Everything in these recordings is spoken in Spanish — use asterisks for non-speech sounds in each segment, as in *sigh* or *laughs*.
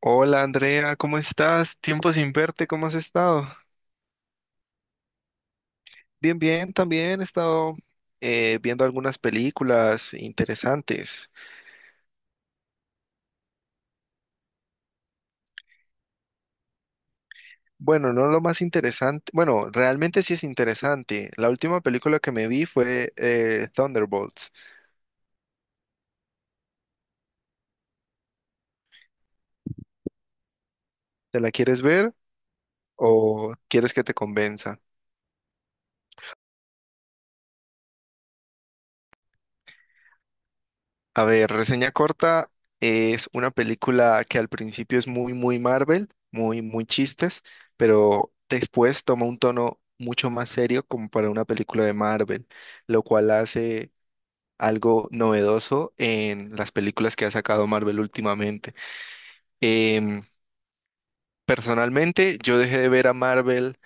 Hola Andrea, ¿cómo estás? Tiempo sin verte, ¿cómo has estado? Bien, bien, también he estado viendo algunas películas interesantes. Bueno, no lo más interesante, bueno, realmente sí es interesante. La última película que me vi fue Thunderbolts. ¿Te la quieres ver o quieres que te convenza? A ver, reseña corta es una película que al principio es muy, muy Marvel, muy, muy chistes, pero después toma un tono mucho más serio como para una película de Marvel, lo cual hace algo novedoso en las películas que ha sacado Marvel últimamente. Em, Personalmente, yo dejé de ver a Marvel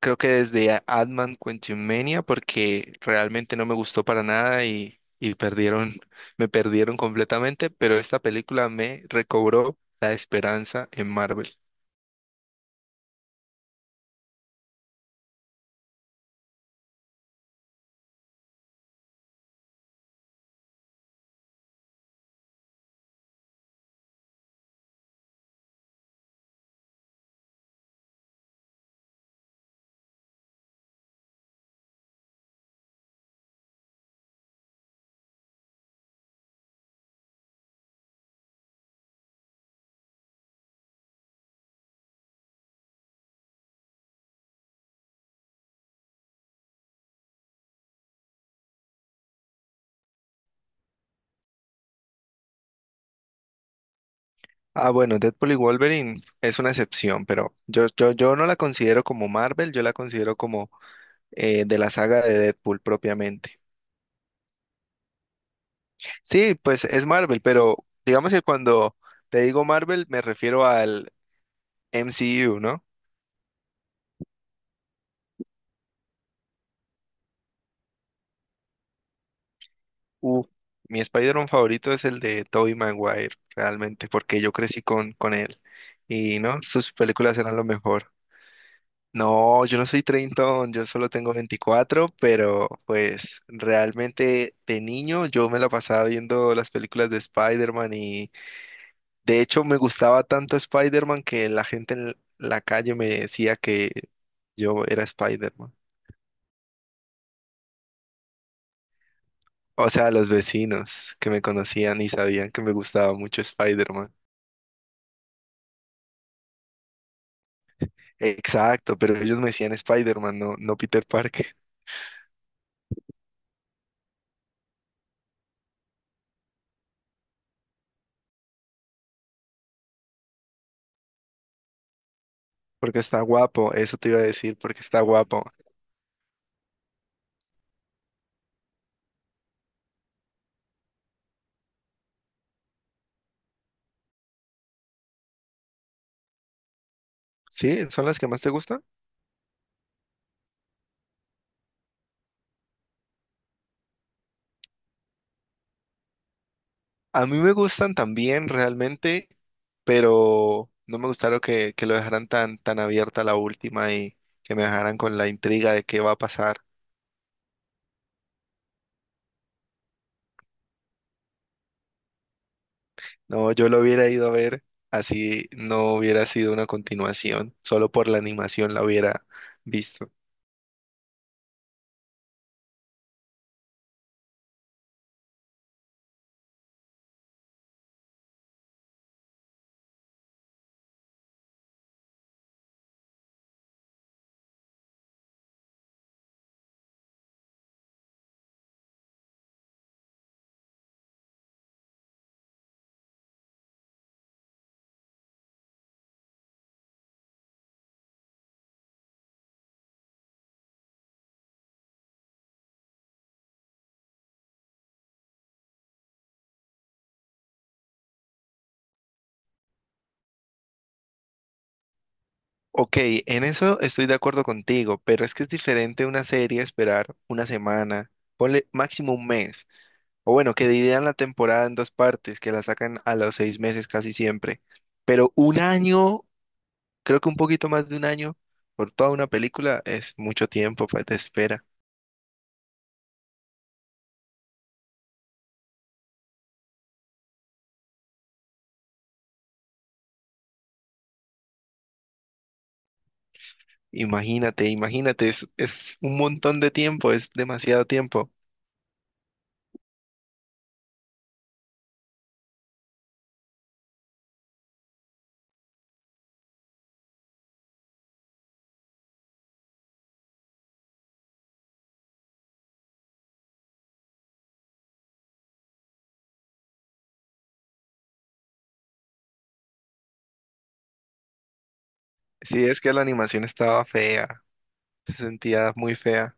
creo que desde Ant-Man Quantumania, porque realmente no me gustó para nada y perdieron, *laughs* me perdieron completamente, pero esta película me recobró la esperanza en Marvel. Ah, bueno, Deadpool y Wolverine es una excepción, pero yo no la considero como Marvel, yo la considero como de la saga de Deadpool propiamente. Sí, pues es Marvel, pero digamos que cuando te digo Marvel me refiero al MCU, ¿no? Uh, Mi Spider-Man favorito es el de Tobey Maguire, realmente, porque yo crecí con él. Y no, sus películas eran lo mejor. No, yo no soy treintón, yo solo tengo 24, pero pues realmente de niño yo me la pasaba viendo las películas de Spider-Man y de hecho me gustaba tanto Spider-Man que la gente en la calle me decía que yo era Spider-Man. O sea, los vecinos que me conocían y sabían que me gustaba mucho Spider-Man. Exacto, pero ellos me decían Spider-Man, no, no Peter Parker, porque está guapo, eso te iba a decir, porque está guapo. ¿Sí? ¿Son las que más te gustan? A mí me gustan también realmente, pero no me gustaron que lo dejaran tan, tan abierta la última y que me dejaran con la intriga de qué va a pasar. No, yo lo hubiera ido a ver, así no hubiera sido una continuación, solo por la animación la hubiera visto. Ok, en eso estoy de acuerdo contigo, pero es que es diferente una serie esperar una semana, ponle máximo un mes, o bueno, que dividan la temporada en dos partes, que la sacan a los seis meses casi siempre, pero un año, creo que un poquito más de un año por toda una película es mucho tiempo pues, de espera. Imagínate, imagínate, es un montón de tiempo, es demasiado tiempo. Sí, es que la animación estaba fea, se sentía muy fea.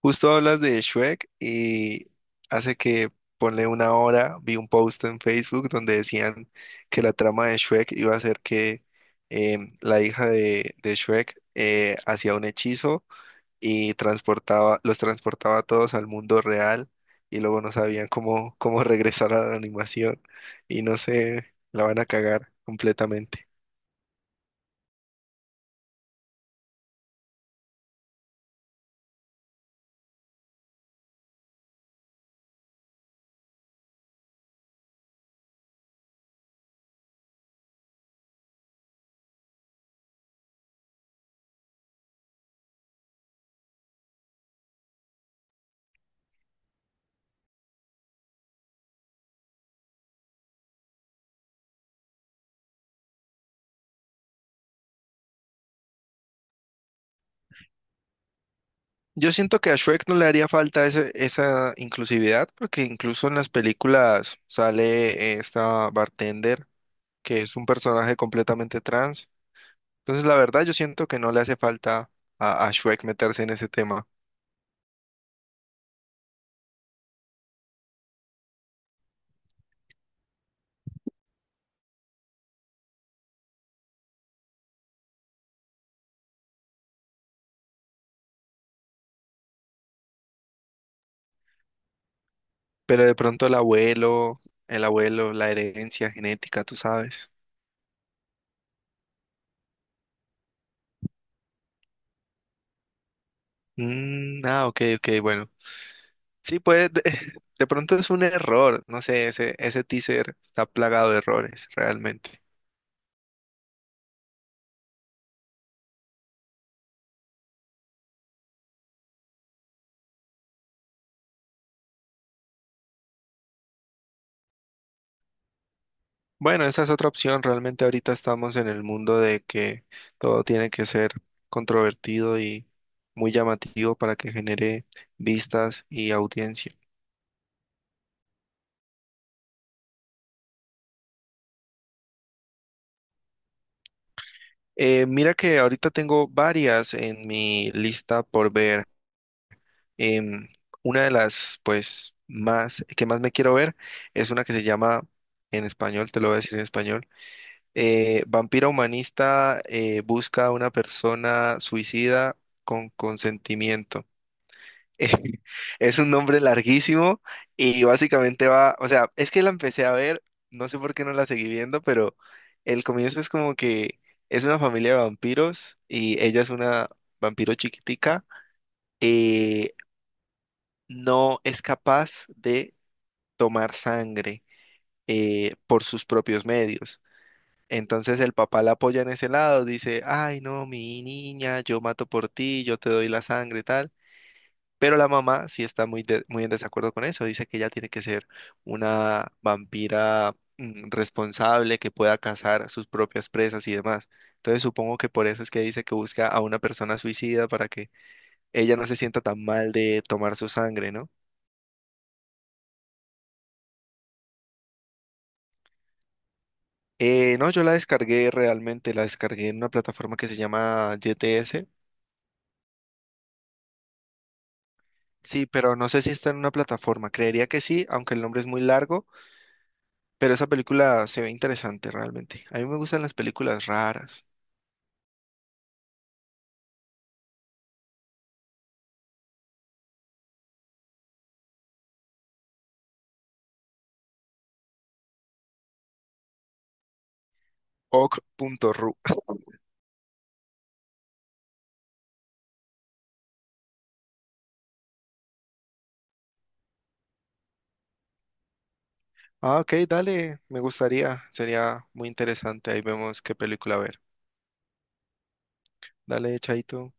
Justo hablas de Shrek y hace que ponle una hora vi un post en Facebook donde decían que la trama de Shrek iba a ser que la hija de Shrek hacía un hechizo y transportaba, los transportaba a todos al mundo real y luego no sabían cómo *laughs* regresar a la animación y no sé, la van a cagar completamente. Yo siento que a Shrek no le haría falta esa inclusividad, porque incluso en las películas sale esta bartender, que es un personaje completamente trans. Entonces, la verdad, yo siento que no le hace falta a Shrek meterse en ese tema. Pero de pronto el abuelo, la herencia genética, tú sabes. Mm, ah, ok, ok, bueno. Sí, pues de, *laughs* de pronto es un error, no sé, ese teaser está plagado de errores, realmente. Bueno, esa es otra opción. Realmente ahorita estamos en el mundo de que todo tiene que ser controvertido y muy llamativo para que genere vistas y audiencia. Mira que ahorita tengo varias en mi lista por ver. Em, una de las, pues, más que más me quiero ver es una que se llama, en español, te lo voy a decir en español, Vampira Humanista busca a una persona suicida con consentimiento. *laughs* Es un nombre larguísimo y básicamente va, o sea, es que la empecé a ver, no sé por qué no la seguí viendo, pero el comienzo es como que es una familia de vampiros y ella es una vampiro chiquitica y no es capaz de tomar sangre por sus propios medios. Entonces el papá la apoya en ese lado, dice, ay no, mi niña, yo mato por ti, yo te doy la sangre y tal. Pero la mamá sí está muy, muy en desacuerdo con eso. Dice que ella tiene que ser una vampira responsable que pueda cazar a sus propias presas y demás. Entonces supongo que por eso es que dice que busca a una persona suicida para que ella no se sienta tan mal de tomar su sangre, ¿no? No, yo la descargué realmente, la descargué en una plataforma que se llama GTS. Sí, pero no sé si está en una plataforma. Creería que sí, aunque el nombre es muy largo, pero esa película se ve interesante realmente. A mí me gustan las películas raras. Ok.ru. Ah, ok, dale, me gustaría, sería muy interesante. Ahí vemos qué película ver. Dale, chaito.